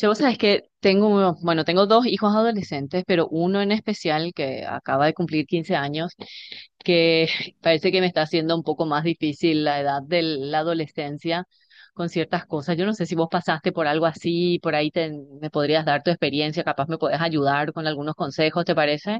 Yo, vos sabés que tengo, bueno, tengo dos hijos adolescentes, pero uno en especial que acaba de cumplir 15 años, que parece que me está haciendo un poco más difícil la edad de la adolescencia con ciertas cosas. Yo no sé si vos pasaste por algo así, por ahí me podrías dar tu experiencia, capaz me podés ayudar con algunos consejos, ¿te parece?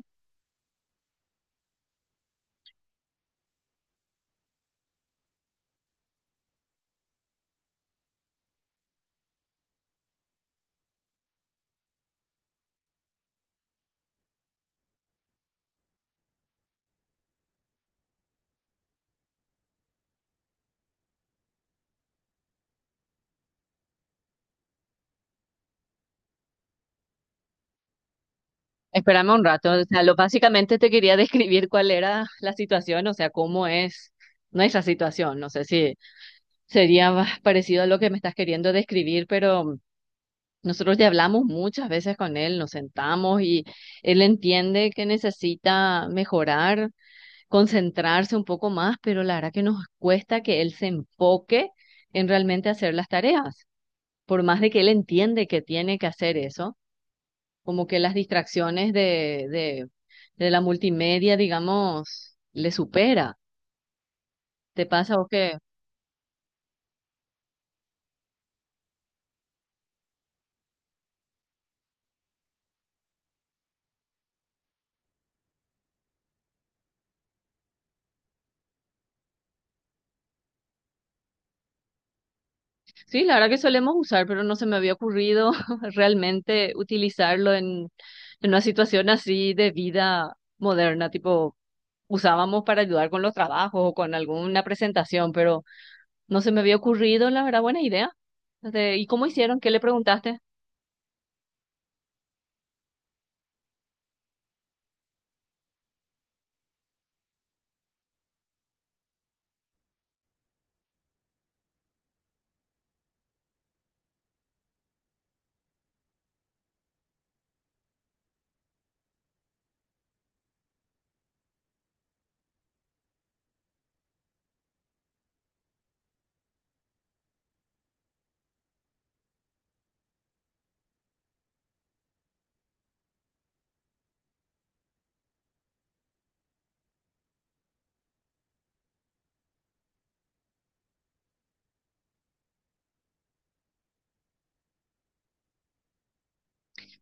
Espérame un rato, o sea, lo básicamente te quería describir cuál era la situación, o sea, cómo es nuestra situación. No sé si sería más parecido a lo que me estás queriendo describir, pero nosotros ya hablamos muchas veces con él, nos sentamos y él entiende que necesita mejorar, concentrarse un poco más, pero la verdad que nos cuesta que él se enfoque en realmente hacer las tareas. Por más de que él entiende que tiene que hacer eso, como que las distracciones de la multimedia, digamos, le supera. ¿Te pasa o qué? Sí, la verdad que solemos usar, pero no se me había ocurrido realmente utilizarlo en una situación así de vida moderna, tipo usábamos para ayudar con los trabajos o con alguna presentación, pero no se me había ocurrido, la verdad, buena idea. ¿Y cómo hicieron? ¿Qué le preguntaste?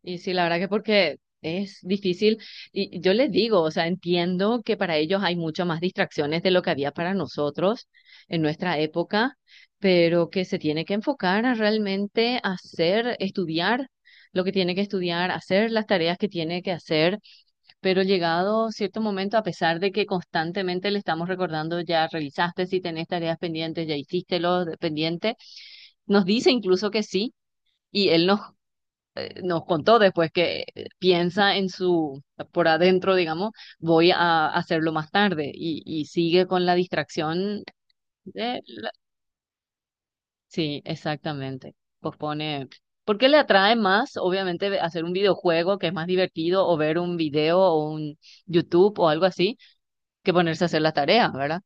Y sí, la verdad que porque es difícil, y yo les digo, o sea, entiendo que para ellos hay muchas más distracciones de lo que había para nosotros en nuestra época, pero que se tiene que enfocar a realmente hacer, estudiar lo que tiene que estudiar, hacer las tareas que tiene que hacer, pero llegado cierto momento, a pesar de que constantemente le estamos recordando, ya realizaste si tenés tareas pendientes, ya hiciste lo pendiente, nos dice incluso que sí. Y él nos contó después que piensa en su, por adentro, digamos, voy a hacerlo más tarde y sigue con la distracción. de la- Sí, exactamente. Pospone. ¿Por qué le atrae más, obviamente, hacer un videojuego que es más divertido o ver un video o un YouTube o algo así que ponerse a hacer la tarea? ¿Verdad?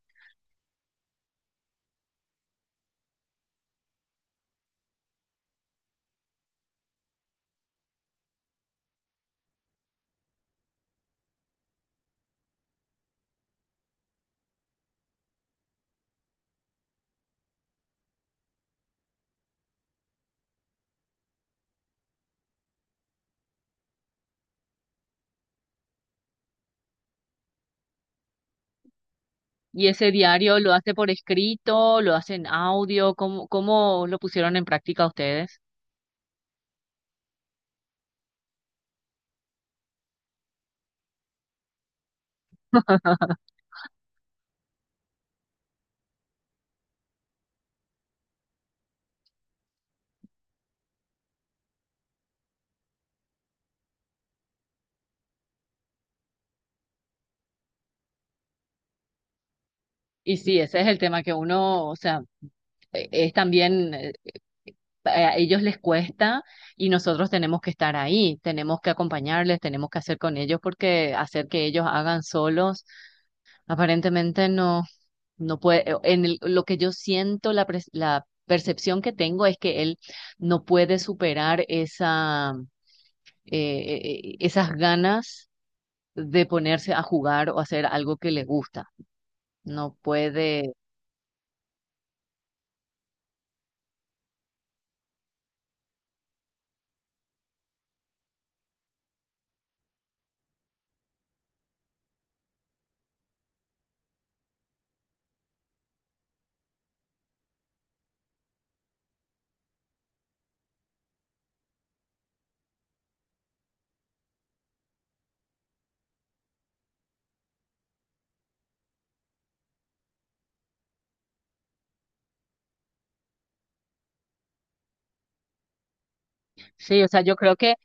Y ese diario lo hace por escrito, lo hace en audio, ¿cómo lo pusieron en práctica ustedes? Y sí, ese es el tema que uno, o sea, es también a ellos les cuesta y nosotros tenemos que estar ahí, tenemos que acompañarles, tenemos que hacer con ellos porque hacer que ellos hagan solos, aparentemente no, no puede, lo que yo siento, la percepción que tengo es que él no puede superar esa, esas ganas de ponerse a jugar o hacer algo que le gusta. No puede. Sí, o sea, yo creo que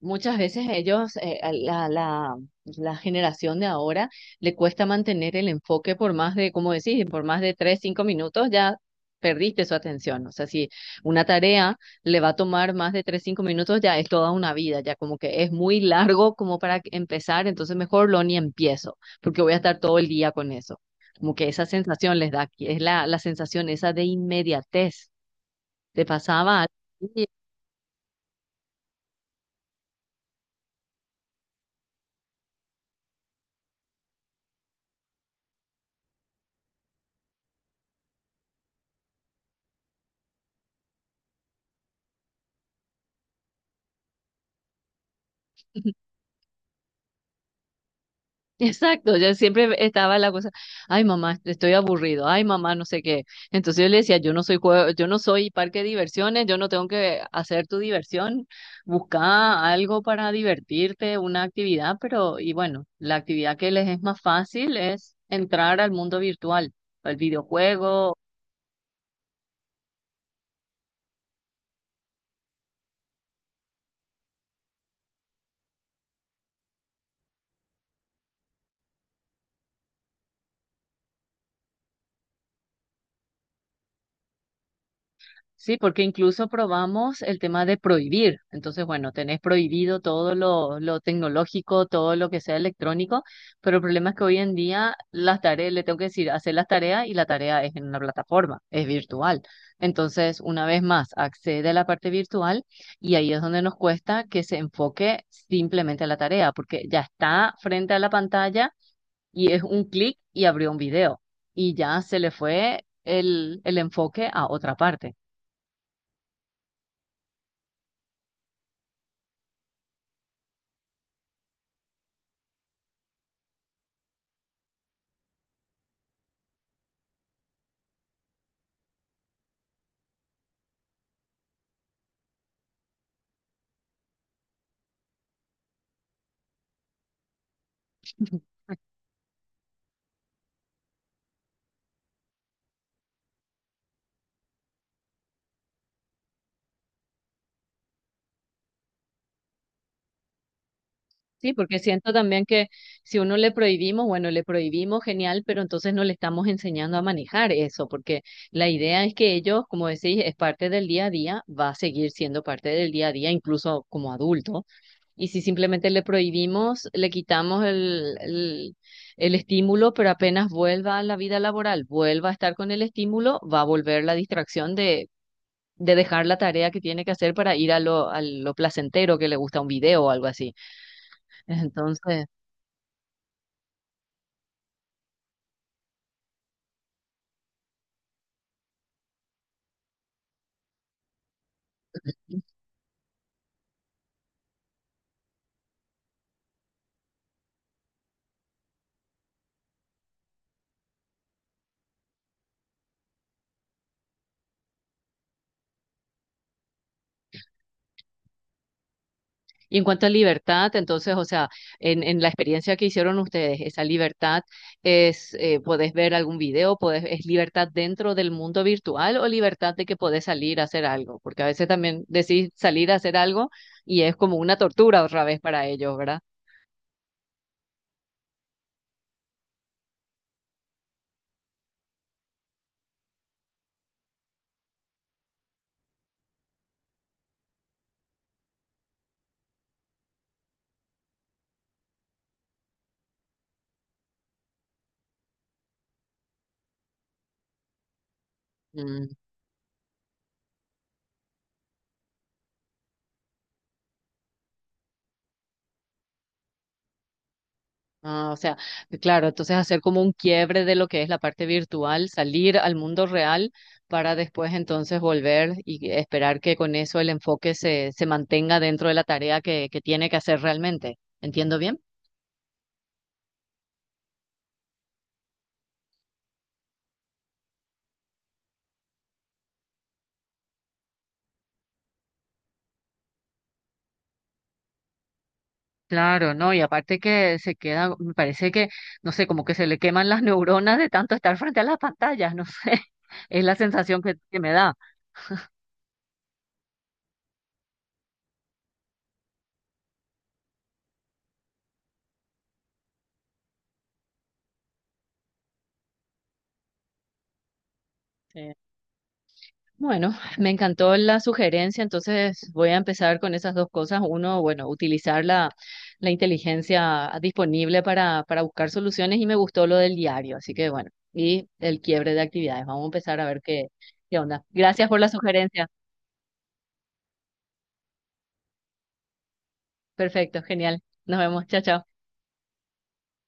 muchas veces ellos, a la generación de ahora, le cuesta mantener el enfoque por más de, como decís, por más de 3, 5 minutos, ya perdiste su atención. O sea, si una tarea le va a tomar más de tres, cinco minutos, ya es toda una vida, ya como que es muy largo como para empezar, entonces mejor lo ni empiezo, porque voy a estar todo el día con eso. Como que esa sensación les da, que es la sensación esa de inmediatez. Te pasaba algo. Exacto, yo siempre estaba la cosa, ay mamá, estoy aburrido, ay mamá, no sé qué. Entonces yo le decía, yo no soy juego, yo no soy parque de diversiones, yo no tengo que hacer tu diversión, busca algo para divertirte, una actividad, pero y bueno, la actividad que les es más fácil es entrar al mundo virtual, al videojuego. Sí, porque incluso probamos el tema de prohibir. Entonces, bueno, tenés prohibido todo lo tecnológico, todo lo que sea electrónico, pero el problema es que hoy en día las tareas, le tengo que decir, hacer las tareas y la tarea es en una plataforma, es virtual. Entonces, una vez más, accede a la parte virtual y ahí es donde nos cuesta que se enfoque simplemente a la tarea, porque ya está frente a la pantalla y es un clic y abrió un video y ya se le fue el enfoque a otra parte. Sí, porque siento también que si uno le prohibimos, bueno, le prohibimos, genial, pero entonces no le estamos enseñando a manejar eso, porque la idea es que ellos, como decís, es parte del día a día, va a seguir siendo parte del día a día, incluso como adulto. Y si simplemente le prohibimos, le quitamos el estímulo, pero apenas vuelva a la vida laboral, vuelva a estar con el estímulo, va a volver la distracción de dejar la tarea que tiene que hacer para ir a lo placentero que le gusta un video o algo así. Entonces... Y en cuanto a libertad, entonces, o sea, en la experiencia que hicieron ustedes, esa libertad es, podés ver algún video, podés, es libertad dentro del mundo virtual o libertad de que podés salir a hacer algo, porque a veces también decís salir a hacer algo y es como una tortura otra vez para ellos, ¿verdad? Ah, o sea, claro, entonces hacer como un quiebre de lo que es la parte virtual, salir al mundo real para después entonces volver y esperar que con eso el enfoque se mantenga dentro de la tarea que tiene que hacer realmente. ¿Entiendo bien? Claro, no, y aparte que se queda, me parece que, no sé, como que se le queman las neuronas de tanto estar frente a las pantallas, no sé, es la sensación que me da. Bueno, me encantó la sugerencia, entonces voy a empezar con esas dos cosas. Uno, bueno, utilizar la inteligencia disponible para buscar soluciones y me gustó lo del diario, así que bueno, y el quiebre de actividades. Vamos a empezar a ver qué onda. Gracias por la sugerencia. Perfecto, genial. Nos vemos. Chao, chao.